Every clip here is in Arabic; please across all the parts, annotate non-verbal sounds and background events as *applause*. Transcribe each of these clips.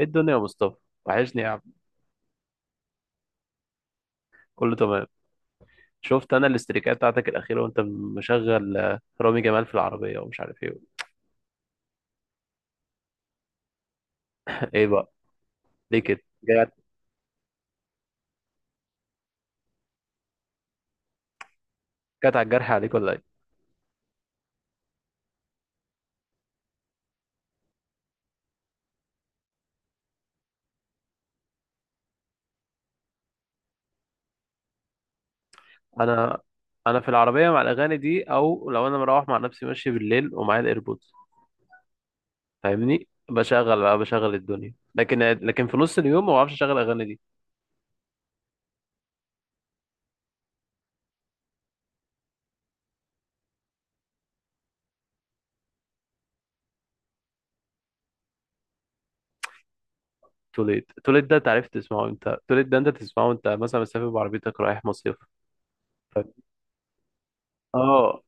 ايه الدنيا يا مصطفى؟ وحشني يا عم. كله تمام. شفت انا الاستريكات بتاعتك الاخيره وانت مشغل رامي جمال في العربيه ومش عارف ايه. *laughs* ايه بقى؟ ليه كده جات؟ جات على الجرح عليك ولا ايه؟ انا انا في العربيه مع الاغاني دي، او لو انا مروح مع نفسي ماشي بالليل ومعايا الايربودز، فاهمني، بشغل بقى بشغل الدنيا، لكن في نص اليوم ما بعرفش اشغل اغاني دي. توليت، توليت ده انت عرفت تسمعه، انت توليت ده انت تسمعه انت مثلا مسافر بعربيتك رايح مصيف. اه،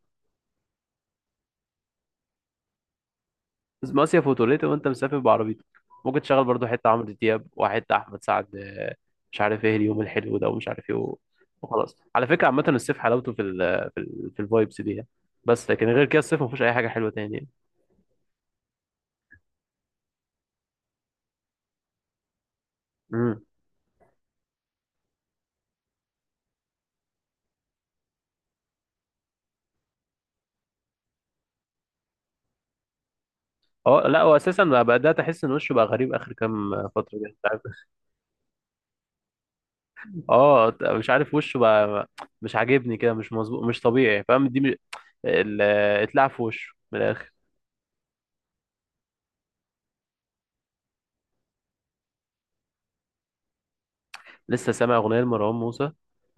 بس مصيف وتوليت وانت مسافر بعربيتك ممكن تشغل برضو حتة عمرو دياب وحتة أحمد سعد، مش عارف ايه، اليوم الحلو ده ومش عارف ايه و- وخلاص. على فكرة عامة الصيف حلاوته في الفايبس دي يعني. بس لكن غير كده الصيف مفيهوش أي حاجة حلوة تاني يعني. امم اه، لا هو أساسا بقى بدأت أحس إن وشه بقى غريب آخر كام فترة كده، مش عارف. *laughs* اه، مش عارف وشه بقى. مش عاجبني كده، مش مظبوط مش طبيعي، فاهم، دي ال- اتلعب في وشه من الآخر. لسه سامع اغنيه لمروان موسى،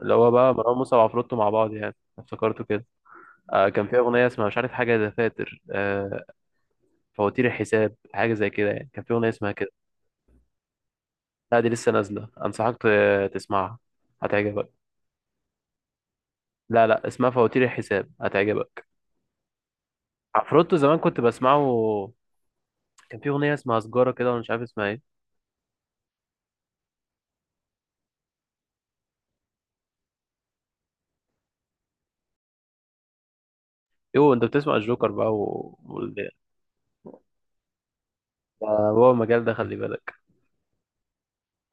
اللي هو بقى مروان موسى وعفروتو مع بعض، يعني افتكرته كده. كان في اغنيه اسمها مش عارف، حاجه دفاتر، فواتير الحساب، حاجه زي كده يعني، كان في اغنيه اسمها كده. لا، دي لسه نازله، انصحك تسمعها، هتعجبك. لا، لا، اسمها فواتير الحساب، هتعجبك. عفروتو زمان كنت بسمعه. كان في اغنيه اسمها سجاره كده وانا مش عارف اسمها ايه. يو، انت بتسمع الجوكر بقى هو المجال ده، خلي بالك.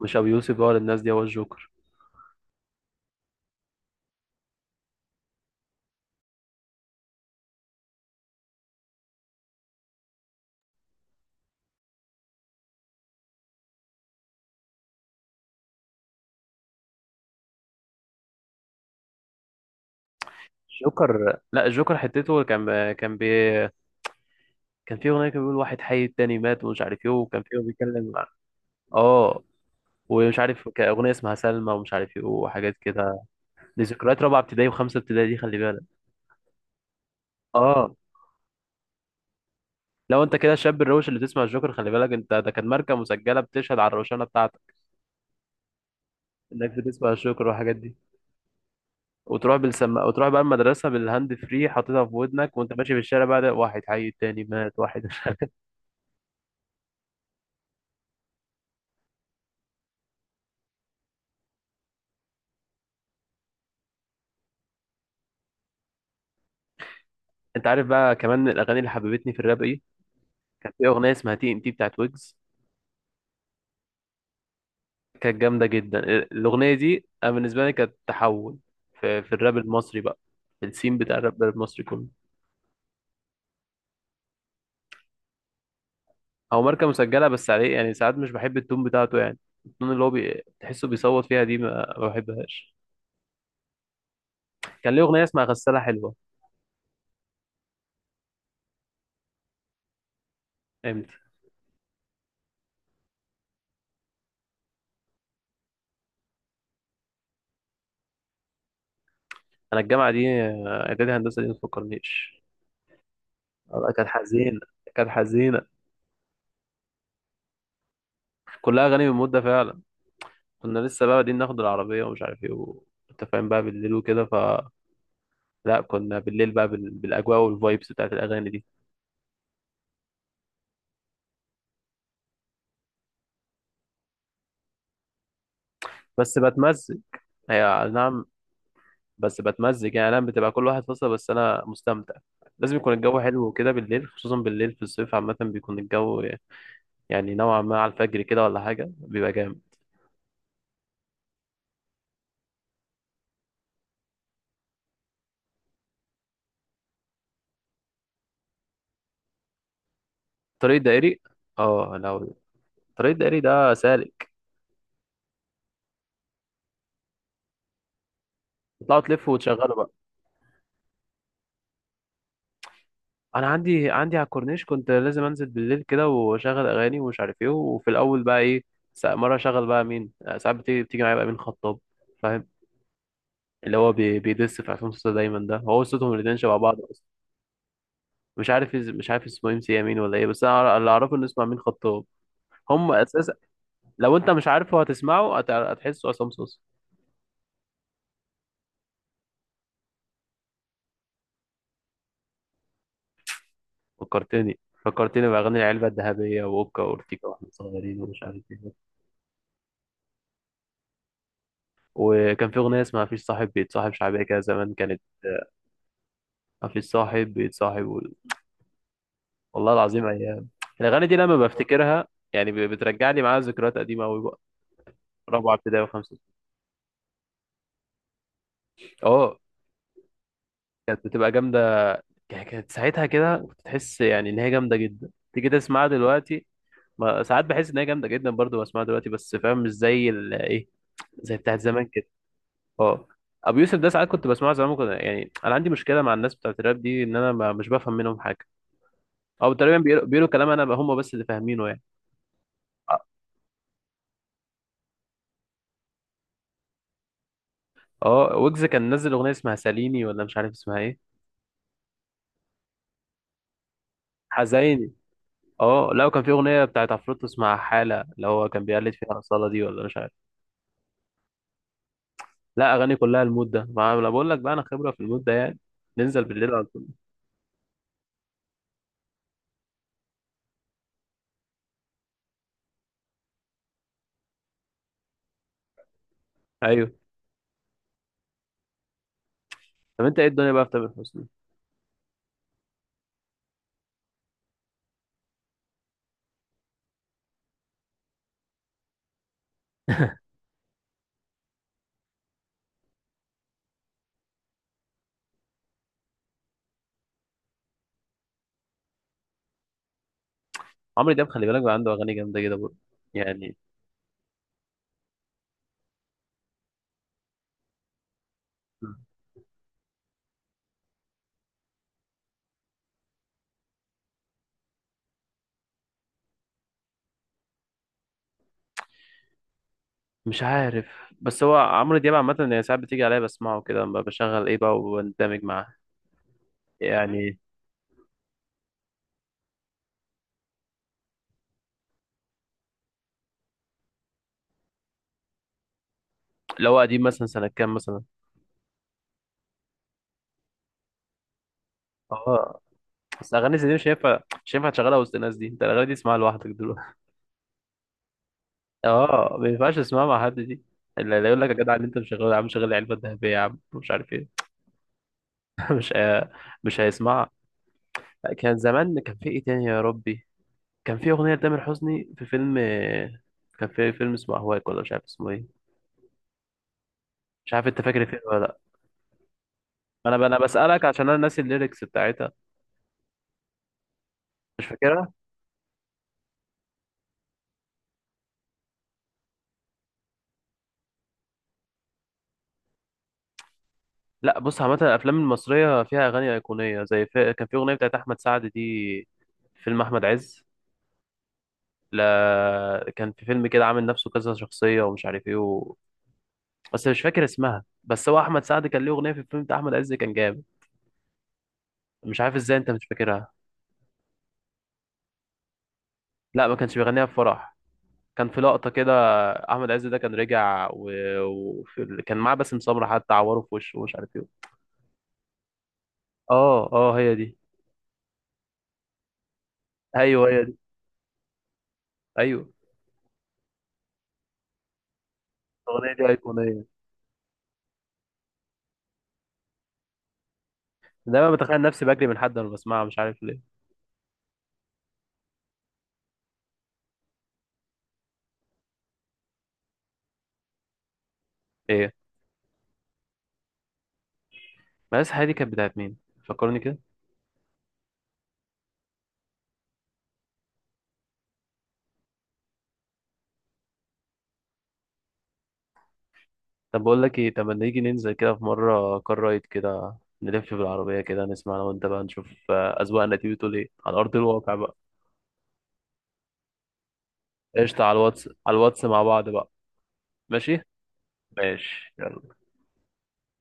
مش ابو يوسف بقى ولا الناس دي، هو الجوكر. الجوكر، لا الجوكر حتته كان في اغنيه، كان بيقول واحد حي التاني مات ومش عارف ايه، وكان في بيتكلم مع- اه، ومش عارف، كان اغنيه اسمها سلمى ومش عارف ايه وحاجات كده. دي ذكريات رابعه ابتدائي وخمسه ابتدائي دي، خلي بالك. اه، لو انت كده الشاب الروش اللي بتسمع الجوكر، خلي بالك انت، ده كان ماركه مسجله بتشهد على الروشنه بتاعتك انك بتسمع الجوكر والحاجات دي، وتروح بالسما وتروح بقى المدرسه بالهاند فري، حاططها في ودنك وانت ماشي في الشارع بقى، ده واحد حي التاني مات، واحد مش عارف. انت عارف بقى كمان الاغاني اللي حببتني في الراب ايه؟ كان في اغنيه اسمها TNT بتاعت ويجز، كانت جامدة جدا. الأغنية دي أنا بالنسبة لي كانت تحول في الراب المصري بقى، في السين بتاع الراب المصري كله. هو ماركة مسجلة بس عليه، يعني ساعات مش بحب التون بتاعته يعني. التون اللي هو تحسه بيصوت فيها دي ما بحبهاش. كان ليه أغنية اسمها غسالة حلوة. امتى؟ أنا الجامعة دي، إعدادي هندسة دي ما تفكرنيش. كانت حزينة، كانت حزينة. كلها أغاني من مدة فعلا. كنا لسه بقى بادئين ناخد العربية ومش عارف إيه أنت فاهم بقى، بالليل وكده، لا كنا بالليل بقى بالأجواء والفايبس بتاعت الأغاني دي. بس بتمزج، هي، نعم. بس بتمزج يعني، انا بتبقى كل واحد فصل بس انا مستمتع. لازم يكون الجو حلو وكده، بالليل خصوصا، بالليل في الصيف عامة بيكون الجو يعني نوعا ما على الفجر كده ولا حاجة بيبقى جامد. طريق دائري؟ اه، لو طريق دائري ده سالك تطلعوا تلفوا وتشغلوا بقى. انا عندي على الكورنيش، كنت لازم انزل بالليل كده واشغل اغاني ومش عارف ايه، وفي الاول بقى ايه، مرة اشغل بقى مين، ساعات بتيجي معايا بقى مين خطاب. فاهم، اللي هو بيدس في عصام صوصة دايما، ده هو صوتهم الاتنين شبه بعض اصلا. مش عارف اسمه ام سي امين ولا ايه، بس اللي اعرفه انه اسمه امين خطاب هم اساسا. لو انت مش عارفه هتسمعه، هتحسه عصام صوصة. فكرتني فكرتني باغاني العلبه الذهبيه واوكا واورتيكا، واحنا صغيرين ومش عارف ايه. وكان في اغنيه اسمها مفيش صاحب بيتصاحب، شعبيه كده زمان كانت، مفيش صاحب بيتصاحب والله العظيم ايام. الاغاني دي لما بفتكرها يعني بترجعني معايا ذكريات قديمه قوي بقى. رابعه ابتدائي وخمسه. اه، كانت بتبقى جامدة. كانت ساعتها كده كنت تحس يعني إن هي جامدة جدا تيجي تسمعها دلوقتي. ما ساعات بحس إن هي جامدة جدا برضه بسمعها دلوقتي، بس فاهم، مش زي إيه، زي بتاعت زمان كده. أه. أبو يوسف ده ساعات كنت بسمعه زمان، كنت يعني أنا عندي مشكلة مع الناس بتاعت الراب دي، إن أنا ما مش بفهم منهم حاجة. أو تقريبا بيقولوا كلام أنا هم بس اللي فاهمينه يعني. أه. ويجز كان نزل أغنية اسمها ساليني ولا مش عارف اسمها إيه. حزيني. أه، لا، وكان في أغنية بتاعت عفروتو اسمها حالة، اللي هو كان بيقلد فيها أصالة دي ولا مش عارف. لا، اغاني كلها المود ده، ما انا بقول لك بقى، انا خبره في المود ده يعني. ننزل بالليل على طول. ايوه. طب انت ايه الدنيا بقى في تامر حسني؟ عمرو دياب خلي بالك بقى، عنده اغاني جامده كده برضه يعني. مش عارف، بس هو عمرو دياب عامه يعني ساعات بتيجي عليا بسمعه كده لما بشغل ايه بقى وبندمج معاه يعني. لو قديم مثلا سنه كام مثلا؟ اه، بس اغاني زي دي مش هينفع، مش هينفع تشغلها وسط الناس دي، انت الاغاني دي تسمعها لوحدك دلوقتي. *laughs* اه، ما ينفعش تسمعها مع حد دي. اللي يقول لك يا جدع اللي انت مشغله يا عم، شغل العلبه الذهبيه يا عم، مش عارف ايه. *laughs* مش هي- مش هيسمعها. كان زمان، كان في ايه تاني يا ربي؟ كان في اغنيه لتامر حسني في فيلم. كان في فيلم اسمه اهواك ولا مش عارف اسمه ايه. مش عارف، انت فاكر الفيلم ولا لا؟ انا بسالك عشان انا ناسي الليركس بتاعتها. مش فاكرها. لا، بص عامه الافلام المصريه فيها اغاني ايقونيه زي كان في اغنيه بتاعت احمد سعد دي في فيلم احمد عز. لا، كان في فيلم كده عامل نفسه كذا شخصيه ومش عارف ايه بس مش فاكر اسمها، بس هو احمد سعد كان ليه اغنيه في الفيلم بتاع احمد عز، كان جامد. مش عارف ازاي انت مش فاكرها. لا، ما كانش بيغنيها في فرح، كان في لقطة كده، أحمد عز ده كان رجع كان معاه باسم سمرة، حتى عوره في وشه ومش عارف إيه. أه، أه، هي دي. أيوه، هي دي. أيوه. الأغنية دي أيقونية، دايما بتخيل نفسي بجري من حد وأنا بسمعها، مش عارف ليه. إيه؟ بس هي دي كانت بتاعت مين؟ فكرني كده. طب بقول لك إيه؟ طب ما نيجي ننزل كده في مرة كار رايد كده، نلف بالعربية كده، نسمع أنا وأنت بقى، نشوف أذواقنا دي بتقول إيه على أرض الواقع بقى. قشطة، على الواتس، على الواتس مع بعض بقى. ماشي؟ ماشي.